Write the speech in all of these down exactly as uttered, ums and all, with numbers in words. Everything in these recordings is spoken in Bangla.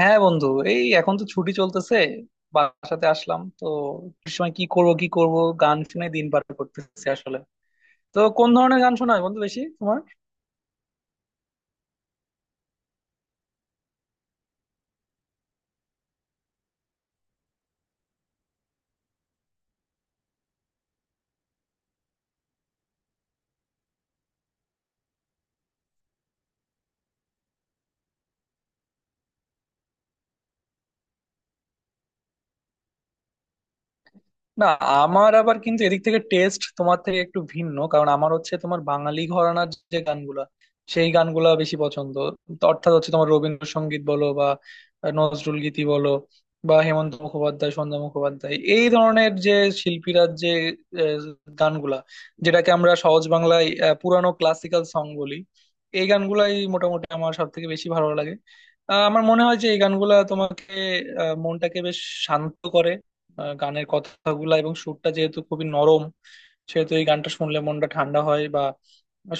হ্যাঁ বন্ধু। এই এখন তো ছুটি চলতেছে। বাসাতে আসলাম তো, ছুটির সময় কি করব কি করব, গান শুনে দিন পার করতেছি আসলে। তো কোন ধরনের গান শোনা হয় বন্ধু বেশি তোমার? না, আমার আবার কিন্তু এদিক থেকে টেস্ট তোমার থেকে একটু ভিন্ন, কারণ আমার হচ্ছে তোমার বাঙালি ঘরানার যে গানগুলা, সেই গানগুলা বেশি পছন্দ। তো অর্থাৎ হচ্ছে তোমার রবীন্দ্রসঙ্গীত বলো বা নজরুল গীতি বলো, বা হেমন্ত মুখোপাধ্যায়, সন্ধ্যা মুখোপাধ্যায়, এই ধরনের যে শিল্পীরা, যে আহ, গানগুলা, যেটাকে আমরা সহজ বাংলায় আহ, পুরানো ক্লাসিক্যাল সং বলি, এই গানগুলাই মোটামুটি আমার সব থেকে বেশি ভালো লাগে। আহ, আমার মনে হয় যে এই গানগুলা তোমাকে, আহ, মনটাকে বেশ শান্ত করে। আহ, গানের কথাগুলা এবং সুরটা যেহেতু খুবই নরম, সেহেতু এই গানটা শুনলে মনটা ঠান্ডা হয়। বা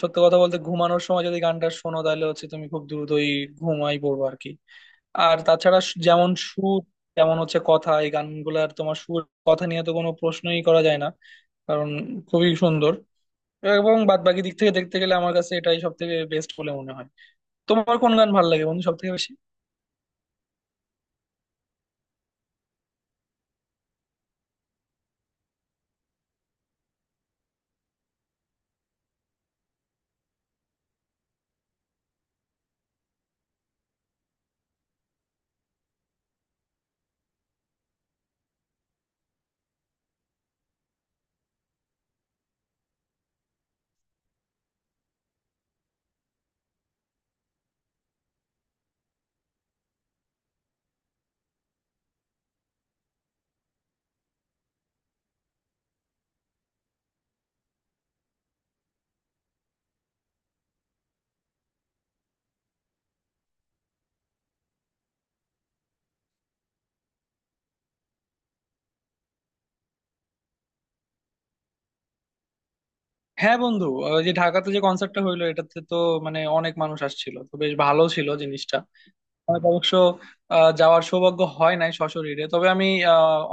সত্য কথা বলতে, ঘুমানোর সময় যদি গানটা শোনো, তাহলে হচ্ছে তুমি খুব দ্রুতই ঘুমাই পড়বো আর কি। আর তাছাড়া স- যেমন সুর, তেমন হচ্ছে কথা। এই গানগুলার তোমার সুর, কথা নিয়ে তো কোনো প্রশ্নই করা যায় না, কারণ খুবই সুন্দর। এবং বাদ বাকি দিক থেকে দেখতে গেলে আমার কাছে এটাই সব থেকে বেস্ট বলে মনে হয়। তোমার কোন গান ভালো লাগে বন্ধু সব থেকে বেশি? হ্যাঁ বন্ধু, ওই যে ঢাকাতে যে কনসার্টটা হইলো, এটাতে তো মানে অনেক মানুষ আসছিল, তো বেশ ভালো ছিল জিনিসটা। আমার অবশ্য আহ, যাওয়ার সৌভাগ্য হয় নাই সশরীরে, তবে আমি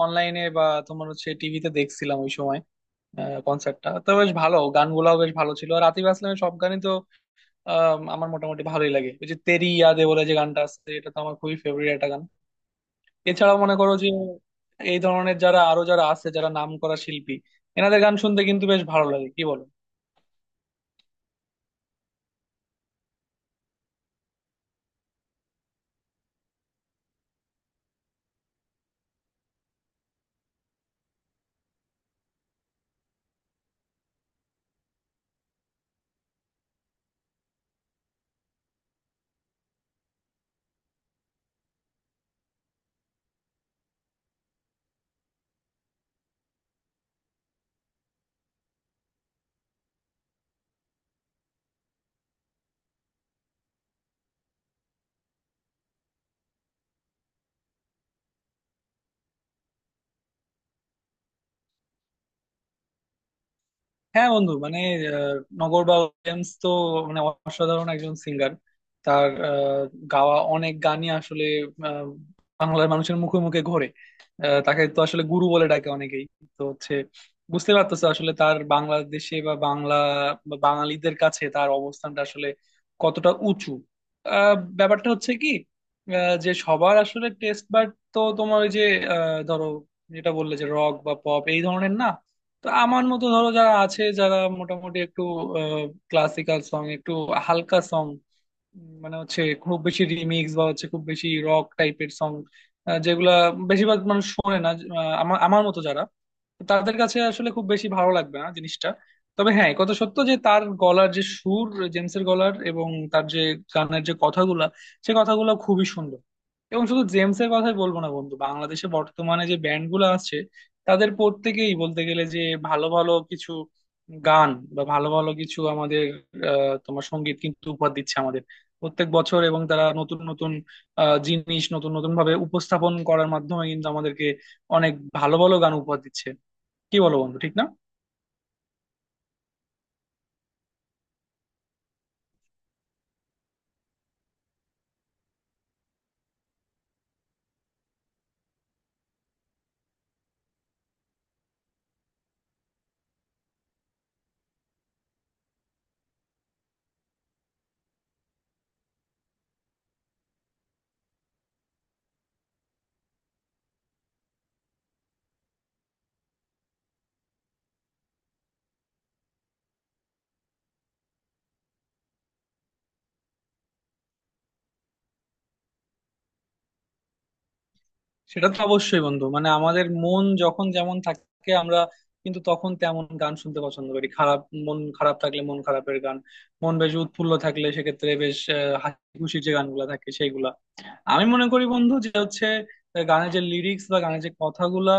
অনলাইনে বা তোমার হচ্ছে টিভিতে দেখছিলাম ওই সময়। কনসার্টটা তো বেশ ভালো, গানগুলাও বেশ ভালো ছিল। আর আতিফ আসলামের সব গানই তো আহ, আমার মোটামুটি ভালোই লাগে। ওই যে তেরি ইয়াদে বলে যে গানটা আছে, এটা তো আমার খুবই ফেভারিট একটা গান। এছাড়াও মনে করো যে এই ধরনের যারা আরো যারা আছে, যারা নাম করা শিল্পী, এনাদের গান শুনতে কিন্তু বেশ ভালো লাগে, কি বলো? হ্যাঁ বন্ধু, মানে আহ, নগরবা উইলিয়ামস তো মানে অসাধারণ একজন সিঙ্গার। তার আহ, গাওয়া অনেক গানই আসলে আহ, বাংলার মানুষের মুখে মুখে ঘোরে। আহ, তাকে তো আসলে গুরু বলে ডাকে অনেকেই। তো হচ্ছে বুঝতে পারতেছে আসলে তার বাংলাদেশে বা বাংলা বা বাঙালিদের কাছে তার অবস্থানটা আসলে কতটা উঁচু। আহ, ব্যাপারটা হচ্ছে কি, আহ, যে সবার আসলে টেস্ট বাট, তো তোমার ওই যে আহ, ধরো, যেটা বললে যে রক বা পপ এই ধরনের না, তো আমার মতো ধরো যারা আছে, যারা মোটামুটি একটু ক্লাসিক্যাল সং, একটু হালকা সং, মানে হচ্ছে খুব বেশি রিমিক্স বা হচ্ছে খুব বেশি রক টাইপের সং যেগুলা বেশিরভাগ মানুষ শোনে না, আহ, আমার আমার মতো যারা, তো তাদের কাছে আসলে খুব বেশি ভালো লাগবে না জিনিসটা। তবে হ্যাঁ, এ কথা সত্য যে তার গলার যে সুর, জেমসের গলার, এবং তার যে গানের যে কথাগুলা, সে কথাগুলো খুবই সুন্দর। এবং শুধু জেমসের কথাই বলবো না বন্ধু, বাংলাদেশে বর্তমানে যে ব্যান্ড গুলো আছে, তাদের প্রত্যেকেই বলতে গেলে যে ভালো ভালো কিছু গান বা ভালো ভালো কিছু আমাদের আহ, তোমার সঙ্গীত কিন্তু উপহার দিচ্ছে আমাদের প্রত্যেক বছর। এবং তারা নতুন নতুন আহ, জিনিস নতুন নতুন ভাবে উপস্থাপন করার মাধ্যমে কিন্তু আমাদেরকে অনেক ভালো ভালো গান উপহার দিচ্ছে, কি বলো বন্ধু ঠিক না? সেটা তো অবশ্যই বন্ধু, মানে আমাদের মন যখন যেমন থাকে, আমরা কিন্তু তখন তেমন গান শুনতে পছন্দ করি। খারাপ, মন খারাপ থাকলে মন খারাপের গান, মন বেশ উৎফুল্ল থাকলে সেক্ষেত্রে বেশ আহ, হাসি খুশির যে গানগুলা থাকে সেইগুলা। আমি মনে করি বন্ধু যে হচ্ছে আহ, গানের যে লিরিক্স বা গানের যে কথাগুলা,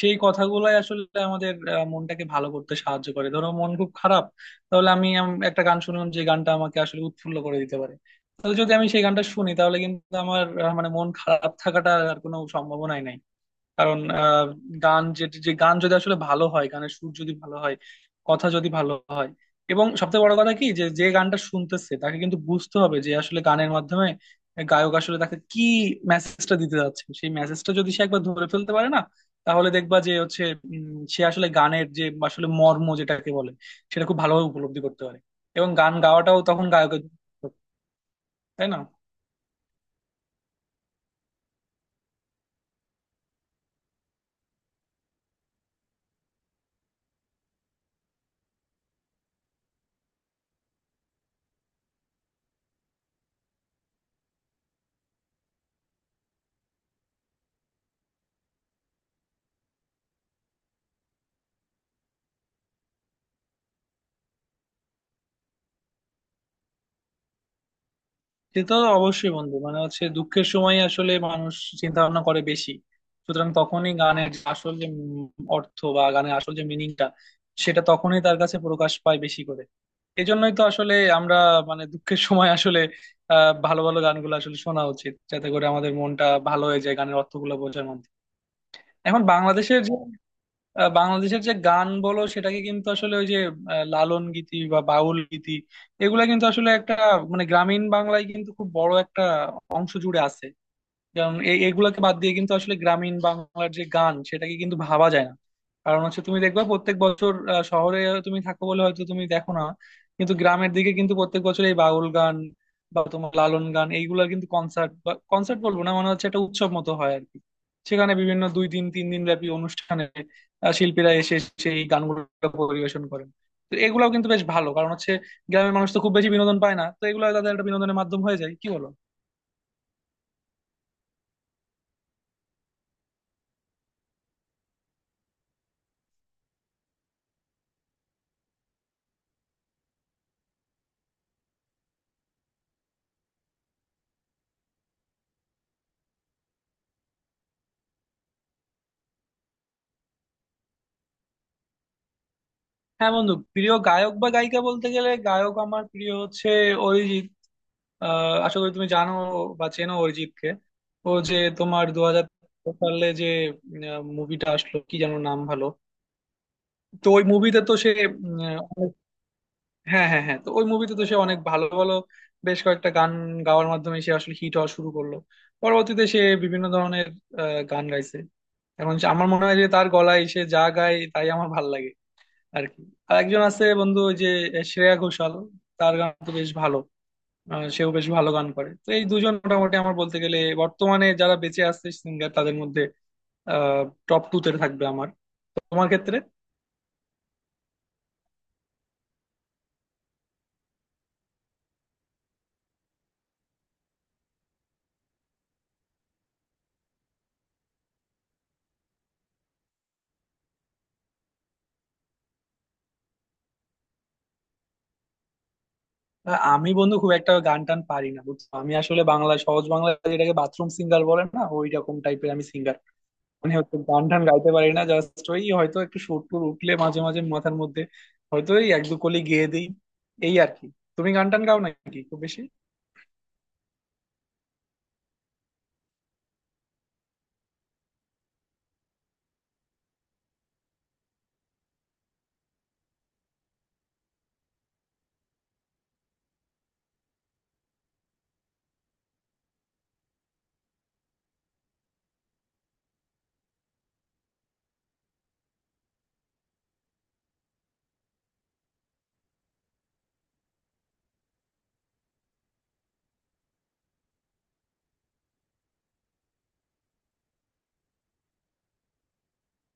সেই কথাগুলাই আসলে আমাদের আহ, মনটাকে ভালো করতে সাহায্য করে। ধরো মন খুব খারাপ, তাহলে আমি আম, একটা গান শুনলাম যে গানটা আমাকে আসলে উৎফুল্ল করে দিতে পারে, তাহলে যদি আমি সেই গানটা শুনি, তাহলে কিন্তু আমার আহ, মানে মন খারাপ থাকাটা আর কোনো সম্ভাবনাই নাই। কারণ আহ, গান, যে যে গান যদি আসলে ভালো হয়, গানের সুর যদি ভালো হয়, কথা যদি ভালো হয়, এবং সবচেয়ে বড় কথা কি, যে যে গানটা শুনতেছে তাকে কিন্তু বুঝতে হবে যে আসলে গানের মাধ্যমে গায়ক আসলে তাকে কি মেসেজটা দিতে যাচ্ছে। সেই মেসেজটা যদি সে একবার ধরে ফেলতে পারে না, তাহলে দেখবা যে হচ্ছে উম, সে আসলে গানের যে আসলে মর্ম যেটাকে বলে, সেটা খুব ভালোভাবে উপলব্ধি করতে পারে। এবং গান গাওয়াটাও তখন গায়কের, তাই না? সে তো অবশ্যই বন্ধু, মানে হচ্ছে দুঃখের সময় আসলে মানুষ চিন্তা ভাবনা করে বেশি। সুতরাং তখনই গানের যে আসল যে উম অর্থ বা গানের আসল যে মিনিংটা, সেটা তখনই তার কাছে প্রকাশ পায় বেশি করে। এজন্যই তো আসলে আমরা মানে দুঃখের সময় আসলে আহ ভালো ভালো গানগুলো আসলে শোনা উচিত, যাতে করে আমাদের মনটা ভালো হয়ে যায় গানের অর্থগুলো বোঝার মধ্যে। এখন বাংলাদেশের যে আহ বাংলাদেশের যে গান বলো, সেটাকে কিন্তু আসলে ওই যে আহ, লালন গীতি বা বাউল গীতি, এগুলা কিন্তু আসলে একটা মানে গ্রামীণ বাংলায় কিন্তু খুব বড় একটা অংশ জুড়ে আছে। কারণ এ- এগুলাকে বাদ দিয়ে কিন্তু আসলে গ্রামীণ বাংলার যে গান, সেটাকে কিন্তু ভাবা যায় না। কারণ হচ্ছে তুমি দেখবা প্রত্যেক বছর আহ, শহরে তুমি থাকো বলে হয়তো তুমি দেখো না, কিন্তু গ্রামের দিকে কিন্তু প্রত্যেক বছর এই বাউল গান বা তোমার লালন গান এইগুলার কিন্তু কনসার্ট, বা কনসার্ট বলবো না, মানে হচ্ছে একটা উৎসব মতো হয় আর কি। সেখানে বিভিন্ন দুই দিন তিন দিন ব্যাপী অনুষ্ঠানে আহ, শিল্পীরা এসে সেই গানগুলো পরিবেশন করেন। তো এগুলাও কিন্তু বেশ ভালো, কারণ হচ্ছে গ্রামের মানুষ তো খুব বেশি বিনোদন পায় না, তো এগুলো তাদের একটা বিনোদনের মাধ্যম হয়ে যায়, কি বলো? হ্যাঁ বন্ধু, প্রিয় গায়ক বা গায়িকা বলতে গেলে, গায়ক আমার প্রিয় হচ্ছে অরিজিৎ। আহ, আশা করি তুমি জানো বা চেনো অরিজিৎকে। ও যে তোমার দু হাজার সালে যে মুভিটা আসলো, কি যেন নাম ভালো, তো ওই মুভিতে তো সে উম, অনেক- হ্যাঁ হ্যাঁ হ্যাঁ, তো ওই মুভিতে তো সে অনেক ভালো ভালো বেশ কয়েকটা গান গাওয়ার মাধ্যমে সে আসলে হিট হওয়া শুরু করলো। পরবর্তীতে সে বিভিন্ন ধরনের আহ, গান গাইছে। এখন সে- আমার মনে হয় যে তার গলায় সে যা গায় তাই আমার ভাল লাগে আর কি। আর একজন আছে বন্ধু ওই যে শ্রেয়া ঘোষাল, তার গান তো বেশ ভালো। আহ, সেও বেশ ভালো গান করে। তো এই দুজন মোটামুটি আমার বলতে গেলে বর্তমানে যারা বেঁচে আছে সিঙ্গার তাদের মধ্যে টপ টু তে থাকবে আমার। তোমার ক্ষেত্রে? আহ, আমি বন্ধু খুব একটা গান টান পারি না বুঝছো। আমি আসলে বাংলা, সহজ বাংলা যেটাকে বাথরুম সিঙ্গার বলে না, ওই রকম টাইপের আমি সিঙ্গার। মানে হচ্ছে গান টান গাইতে পারি না, জাস্ট ওই হয়তো একটু সুর টুর উঠলে মাঝে মাঝে মাথার মধ্যে, হয়তো এই এক দু কলি গেয়ে দিই এই আর কি। তুমি গান টান গাও নাকি খুব বেশি?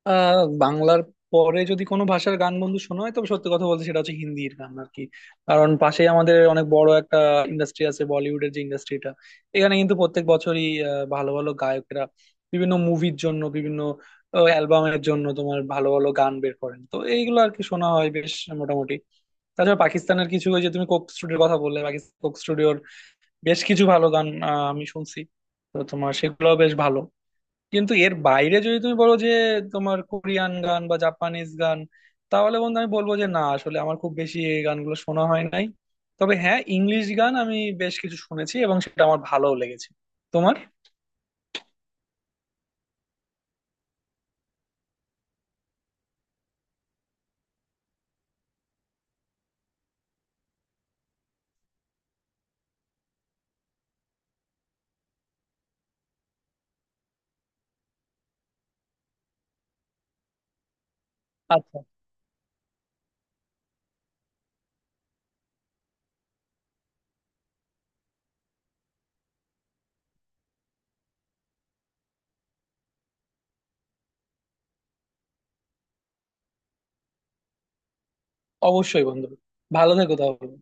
আহ, বাংলার পরে যদি কোনো ভাষার গান বন্ধু শোনা হয়, তবে সত্যি কথা বলতে সেটা হচ্ছে হিন্দির গান আর কি। কারণ পাশেই আমাদের অনেক বড় একটা ইন্ডাস্ট্রি আছে বলিউডের, যে ইন্ডাস্ট্রিটা এখানে কিন্তু প্রত্যেক বছরই আহ, ভালো ভালো গায়কেরা বিভিন্ন মুভির জন্য, বিভিন্ন অ্যালবামের জন্য তোমার ভালো ভালো গান বের করেন। তো এইগুলো আর কি শোনা হয় বেশ মোটামুটি। তাছাড়া পাকিস্তানের কিছু, ওই যে তুমি কোক স্টুডিওর কথা বললে, পাকিস্তান কোক স্টুডিওর বেশ কিছু ভালো গান আহ, আমি শুনছি, তো তোমার সেগুলো বেশ ভালো। কিন্তু এর বাইরে যদি তুমি বলো যে তোমার কোরিয়ান গান বা জাপানিজ গান, তাহলে বন্ধু আমি বলবো যে না, আসলে আমার খুব বেশি এই গানগুলো শোনা হয় নাই। তবে হ্যাঁ, ইংলিশ গান আমি বেশ কিছু শুনেছি এবং সেটা আমার ভালোও লেগেছে। তোমার? আচ্ছা। অবশ্যই বন্ধু। ভালো থেকো তাহলে।